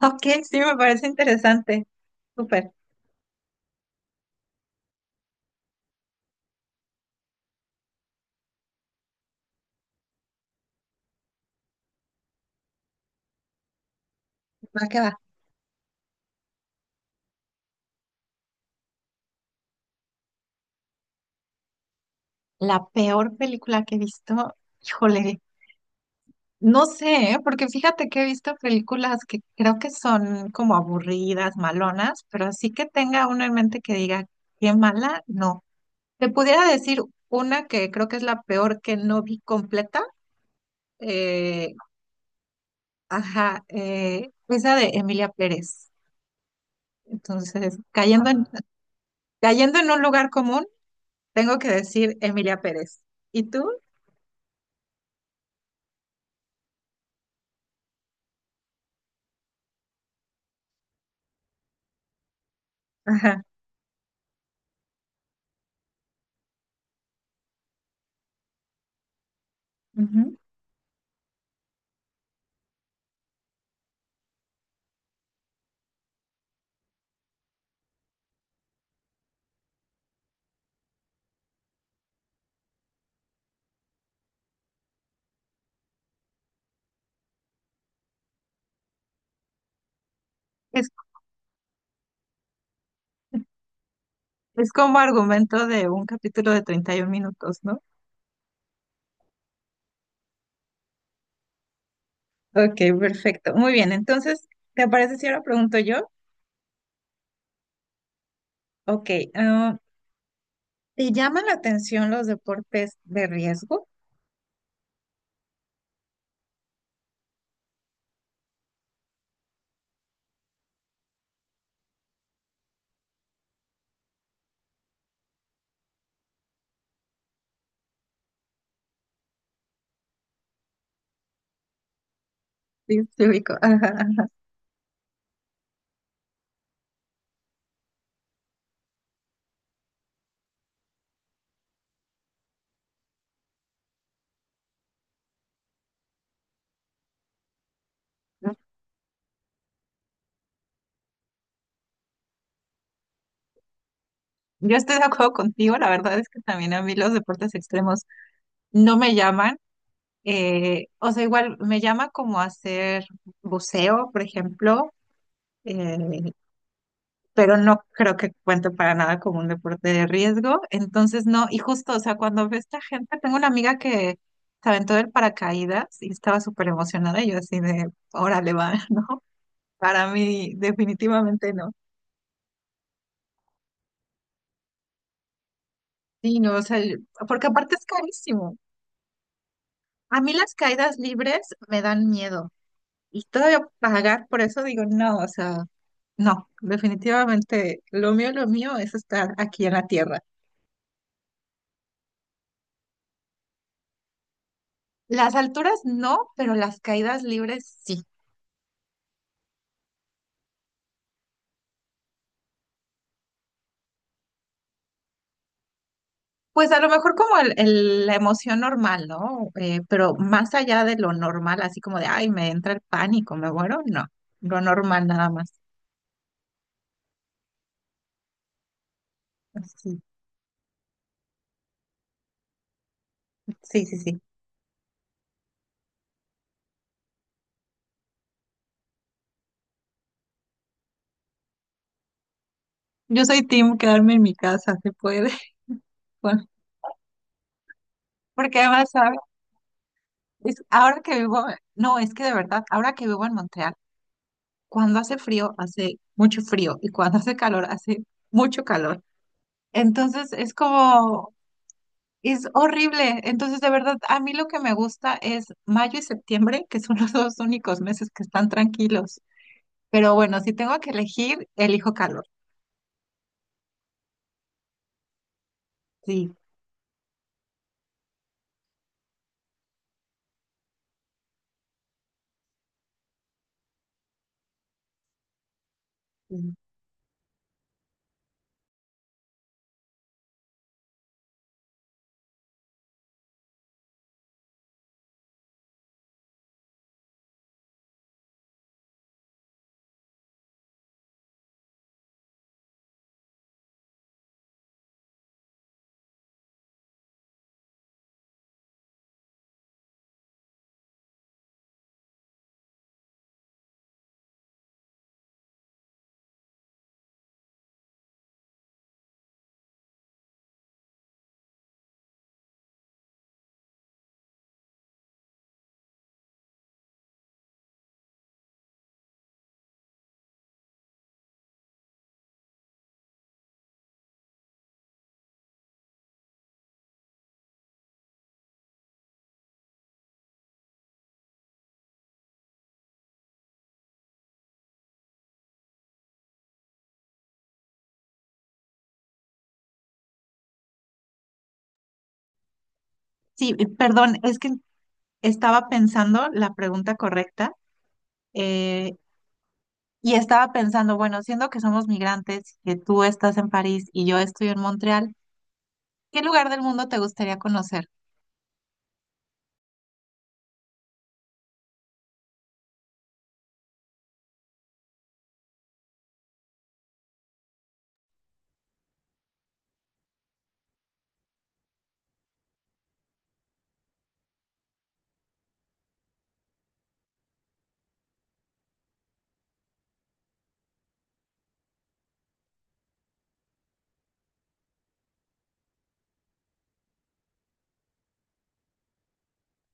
Ok, sí, me parece interesante. Súper, va que va. La peor película que he visto, híjole, no sé, ¿eh? Porque fíjate que he visto películas que creo que son como aburridas, malonas, pero así que tenga uno en mente que diga, qué mala, no. Te pudiera decir una que creo que es la peor que no vi completa, eh, ajá, esa de Emilia Pérez. Entonces, cayendo en un lugar común, tengo que decir Emilia Pérez. ¿Y tú? Ajá. Ujú. Es, es como argumento de un capítulo de 31 minutos, ¿no? Ok, perfecto. Muy bien, entonces, ¿te parece si ahora pregunto yo? Ok, ¿te llaman la atención los deportes de riesgo? Sí, sí, ubico. Ajá, ajá. Yo estoy de acuerdo contigo, la verdad es que también a mí los deportes extremos no me llaman, o sea, igual me llama como hacer buceo, por ejemplo, eh, pero no creo que cuente para nada como un deporte de riesgo. Entonces, no, y justo, o sea, cuando ve esta gente, tengo una amiga que se aventó del paracaídas y estaba súper emocionada, y yo así de, órale, va, ¿no? Para mí, definitivamente no. Sí, no, o sea, yo- porque aparte es carísimo. A mí las caídas libres me dan miedo. Y todavía pagar por eso digo, no, o sea, no, definitivamente lo mío es estar aquí en la tierra. Las alturas no, pero las caídas libres sí. Pues a lo mejor como la emoción normal, ¿no? Pero más allá de lo normal, así como de, ay, me entra el pánico, me muero, no, lo normal nada más. Sí, sí, sí, sí. Yo soy team quedarme en mi casa, se puede. Bueno, porque además, ¿sabes? Es, ahora que vivo, no, es que de verdad, ahora que vivo en Montreal, cuando hace frío, hace mucho frío y cuando hace calor, hace mucho calor. Entonces es como, es horrible. Entonces, de verdad, a mí lo que me gusta es mayo y septiembre, que son los dos únicos meses que están tranquilos. Pero bueno, si tengo que elegir, elijo calor. Sí. Sí, sí, y perdón, es que estaba pensando la pregunta correcta. eh, y estaba pensando, bueno, siendo que somos migrantes, que tú estás en París y yo estoy en Montreal, ¿qué lugar del mundo te gustaría conocer?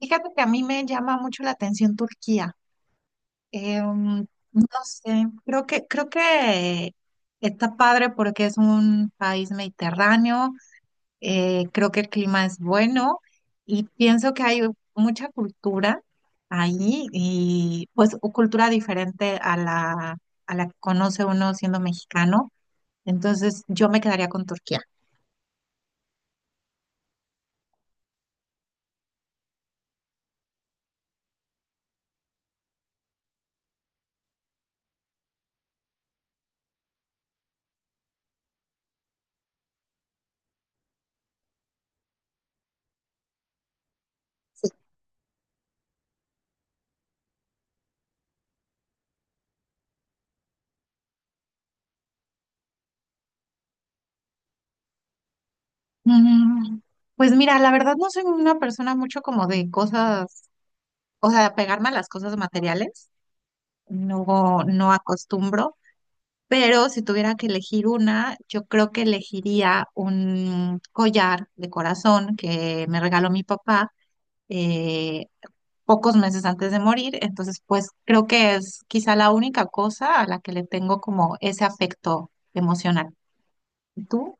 Fíjate que a mí me llama mucho la atención Turquía. No sé, creo que está padre porque es un país mediterráneo, creo que el clima es bueno y pienso que hay mucha cultura ahí y pues u- cultura diferente a a la que conoce uno siendo mexicano. Entonces yo me quedaría con Turquía. Mm, pues mira, la verdad no soy una persona mucho como de cosas, o sea, pegarme a las cosas materiales, no, no acostumbro, pero si tuviera que elegir una, yo creo que elegiría un collar de corazón que me regaló mi papá eh, pocos meses antes de morir, entonces pues creo que es quizá la única cosa a la que le tengo como ese afecto emocional. ¿Tú?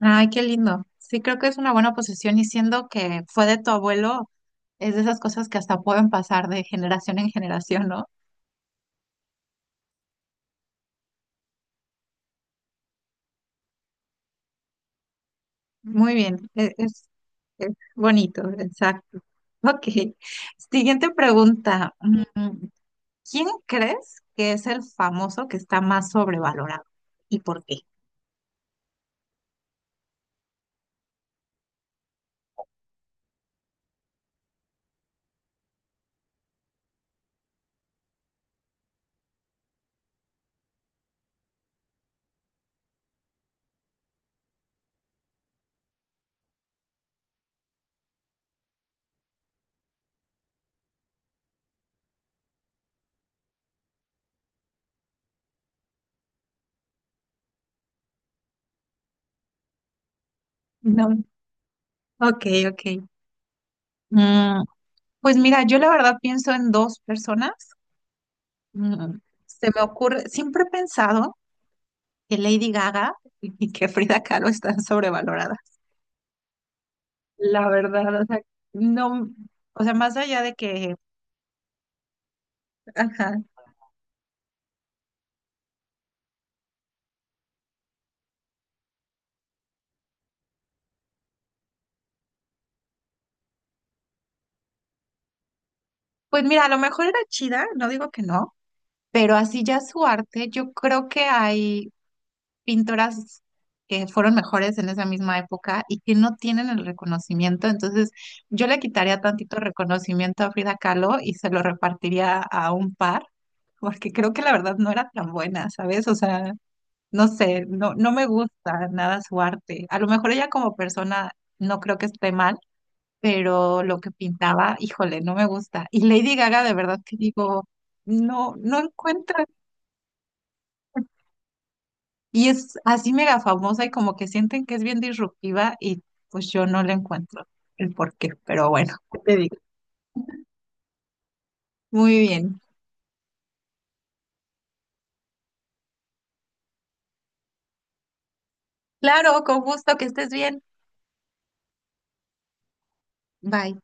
Ay, qué lindo. Sí, creo que es una buena posesión y siendo que fue de tu abuelo, es de esas cosas que hasta pueden pasar de generación en generación, ¿no? Muy bien, e- es bonito, exacto. Ok, siguiente pregunta. Mm, ¿quién crees que es el famoso que está más sobrevalorado y por qué? No. Ok, ok. Mm, pues mira, yo la verdad pienso en dos personas. Mm, se me ocurre, siempre he pensado que Lady Gaga y que Frida Kahlo están sobrevaloradas. La verdad, o sea, no, o sea, más allá de que, ajá, pues mira, a lo mejor era chida, no digo que no, pero así ya su arte, yo creo que hay pintoras que fueron mejores en esa misma época y que no tienen el reconocimiento, entonces yo le quitaría tantito reconocimiento a Frida Kahlo y se lo repartiría a un par, porque creo que la verdad no era tan buena, ¿sabes? O sea... No sé, no, no me gusta nada su arte. A lo mejor ella como persona no creo que esté mal, pero lo que pintaba, híjole, no me gusta. Y Lady Gaga, de verdad que digo, no, no encuentra. Y es así mega famosa y como que sienten que es bien disruptiva y pues yo no le encuentro el porqué. Pero bueno, ¿qué te digo? Muy bien. Claro, con gusto, que estés bien. Bye.